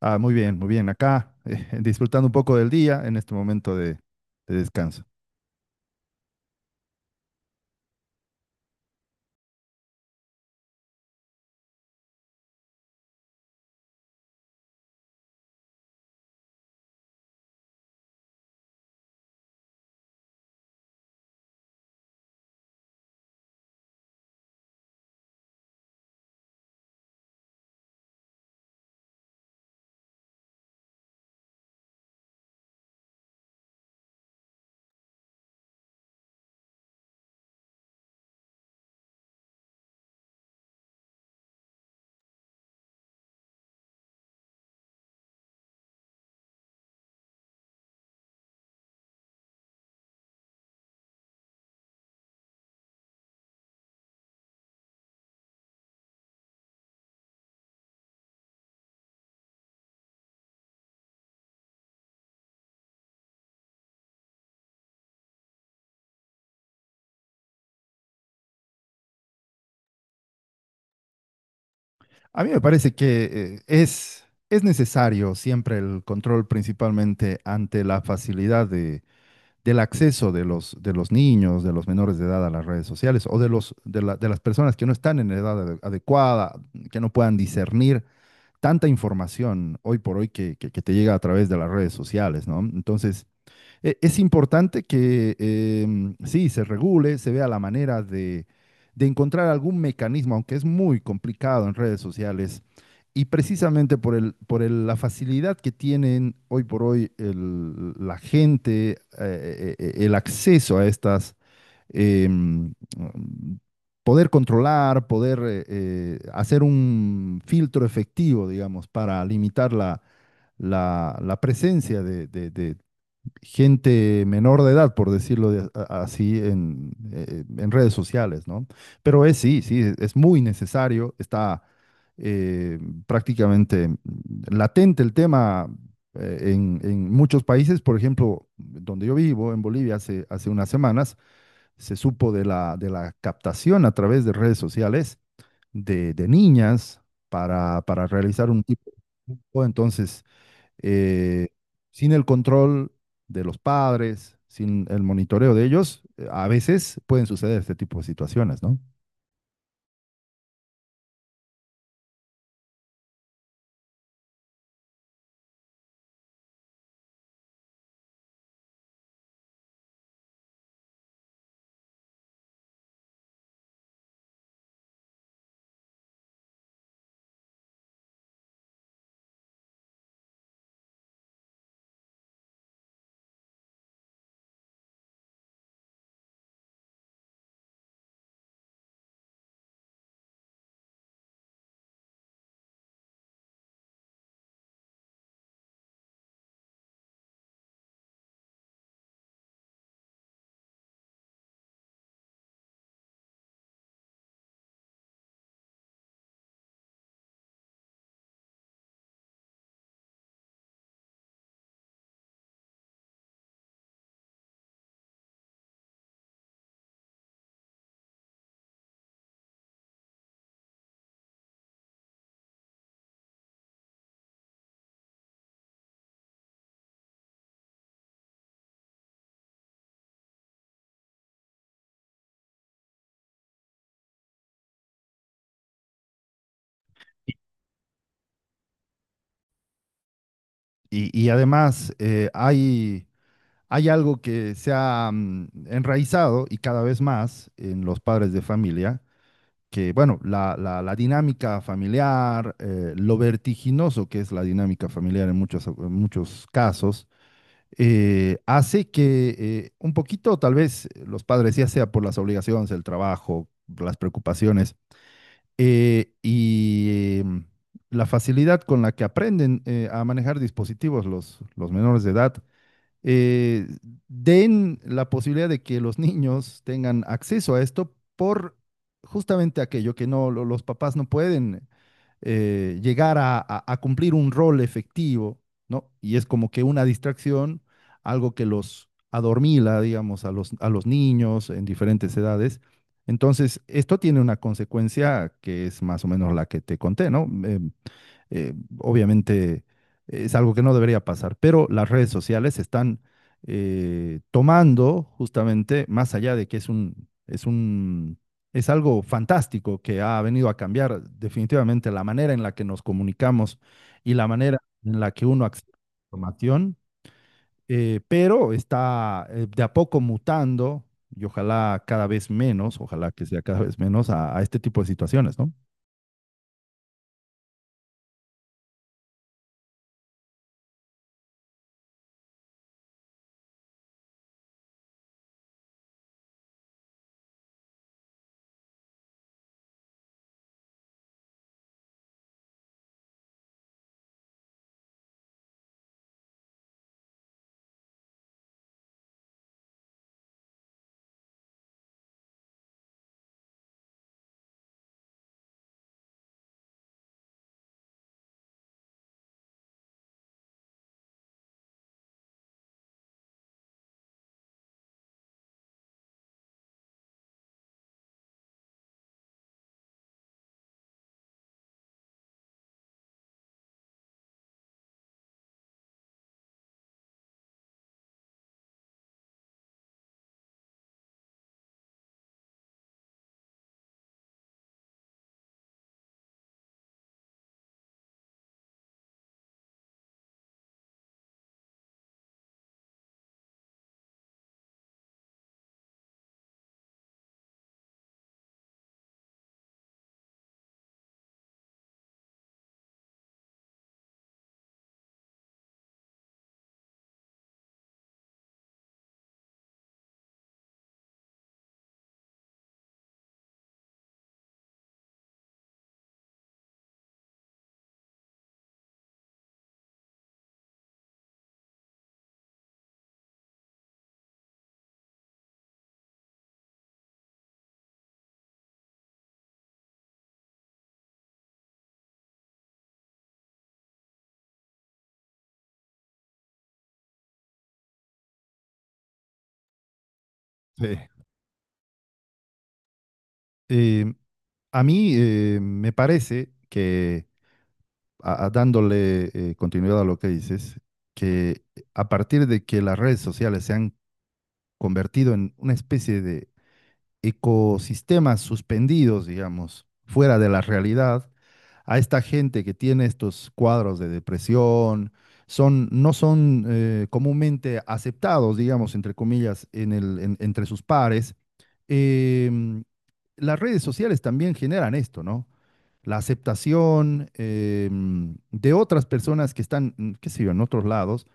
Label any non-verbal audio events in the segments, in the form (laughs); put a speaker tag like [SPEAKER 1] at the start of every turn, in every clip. [SPEAKER 1] Ah, muy bien, muy bien. Acá, disfrutando un poco del día en este momento de descanso. A mí me parece que es necesario siempre el control, principalmente ante la facilidad del acceso de de los niños, de los menores de edad a las redes sociales o de los, de las personas que no están en la edad adecuada, que no puedan discernir tanta información hoy por hoy que, que te llega a través de las redes sociales, ¿no? Entonces… Es importante que sí, se regule, se vea la manera de encontrar algún mecanismo, aunque es muy complicado en redes sociales. Y precisamente por el, la facilidad que tienen hoy por hoy la gente, el acceso a estas, em, poder controlar, poder hacer un filtro efectivo, digamos, para limitar la, la presencia de, gente menor de edad, por decirlo así, en redes sociales, ¿no? Pero es sí, sí, es muy necesario, está eh, prácticamente latente el tema en muchos países, por ejemplo, donde yo vivo, en Bolivia, hace unas semanas, se supo de la captación a través de redes sociales de niñas para realizar un tipo, de… Entonces eh, sin el control de los padres, sin el monitoreo de ellos, a veces pueden suceder este tipo de situaciones, ¿no? Y además hay, hay algo que se ha enraizado y cada vez más en los padres de familia, que bueno, la, la dinámica familiar, lo vertiginoso que es la dinámica familiar en muchos casos, hace que un poquito, tal vez, los padres, ya sea por las obligaciones, el trabajo, las preocupaciones, eh, y em, la facilidad con la que aprenden a manejar dispositivos los menores de edad, eh, den la posibilidad de que los niños tengan acceso a esto por justamente aquello que no, los papás no pueden llegar a, a cumplir un rol efectivo, ¿no? Y es como que una distracción, algo que los adormila, digamos, a los niños en diferentes edades. Entonces, esto tiene una consecuencia que es más o menos la que te conté, ¿no? Eh, obviamente es algo que no debería pasar, pero las redes sociales están tomando justamente, más allá de que es algo fantástico que ha venido a cambiar definitivamente la manera en la que nos comunicamos y la manera en la que uno accede a la información, pero está de a poco mutando. Y ojalá cada vez menos, ojalá que sea cada vez menos a este tipo de situaciones, ¿no? Sí. Eh, a mí me parece que, dándole continuidad a lo que dices, que a partir de que las redes sociales se han convertido en una especie de ecosistemas suspendidos, digamos, fuera de la realidad, a esta gente que tiene estos cuadros de depresión, son, no son comúnmente aceptados, digamos, entre comillas, en el, entre sus pares. em, las redes sociales también generan esto, ¿no? La aceptación de otras personas que están, mm, qué sé yo, en otros lados,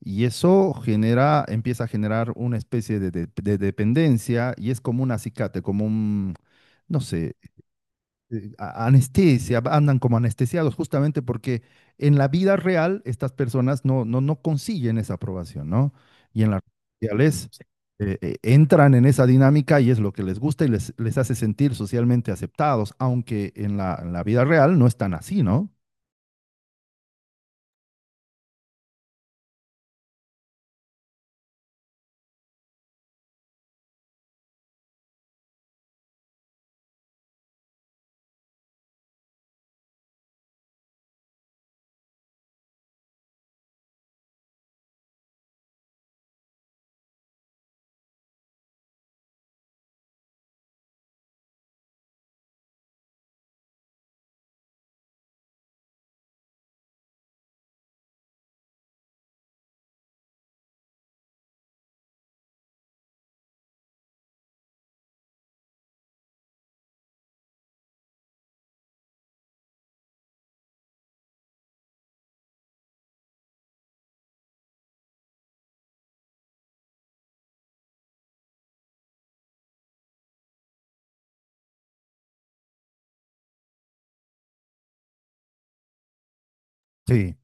[SPEAKER 1] y eso genera, empieza a generar una especie de, de dependencia y es como un acicate, como un, no sé, anestesia, andan como anestesiados, justamente porque en la vida real estas personas no consiguen esa aprobación, ¿no? Y en las redes sociales entran en esa dinámica y es lo que les gusta y les hace sentir socialmente aceptados, aunque en la vida real no están así, ¿no? Sí.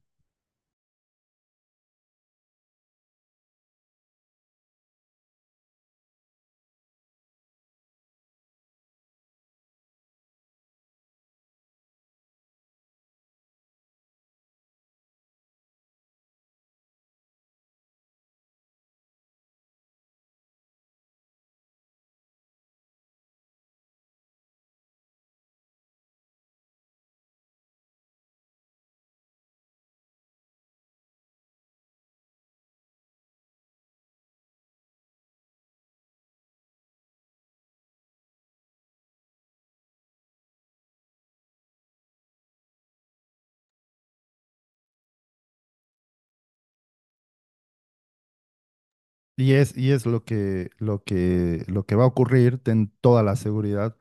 [SPEAKER 1] Y es lo que, lo que, lo que va a ocurrir, ten toda la seguridad,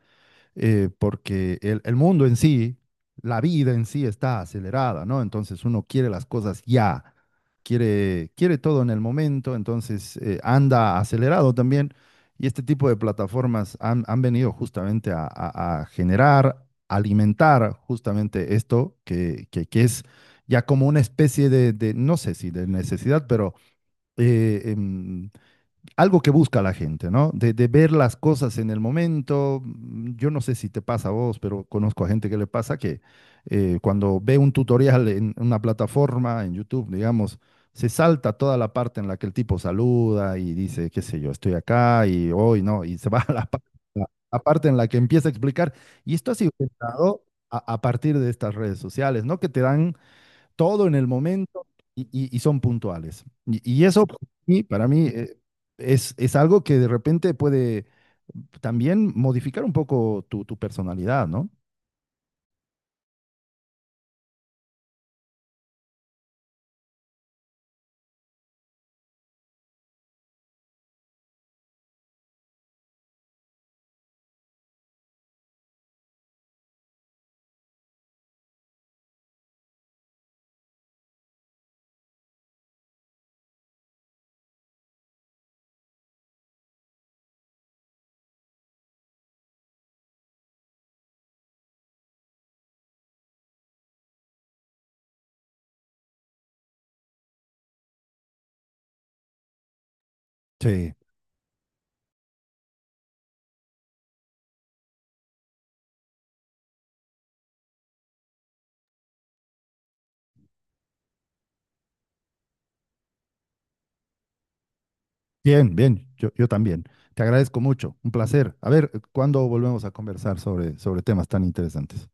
[SPEAKER 1] porque el mundo en sí, la vida en sí está acelerada, ¿no? Entonces uno quiere las cosas ya, quiere, quiere todo en el momento, entonces anda acelerado también. Y este tipo de plataformas han, han venido justamente a, a generar, alimentar justamente esto que es ya como una especie de, no sé si de necesidad, pero eh, em, algo que busca la gente, ¿no? De, ver las cosas en el momento. Yo no sé si te pasa a vos, pero conozco a gente que le pasa que cuando ve un tutorial en una plataforma, en YouTube, digamos, se salta toda la parte en la que el tipo saluda y dice, qué sé yo, estoy acá y hoy no, y se va (laughs) a la, la parte en la que empieza a explicar. Y esto ha sido inventado a partir de estas redes sociales, ¿no? Que te dan todo en el momento y son puntuales. Y eso para mí, es algo que de repente puede también modificar un poco tu, tu personalidad, ¿no? Sí. Bien, bien, yo también. Te agradezco mucho, un placer. A ver, ¿cuándo volvemos a conversar sobre temas tan interesantes?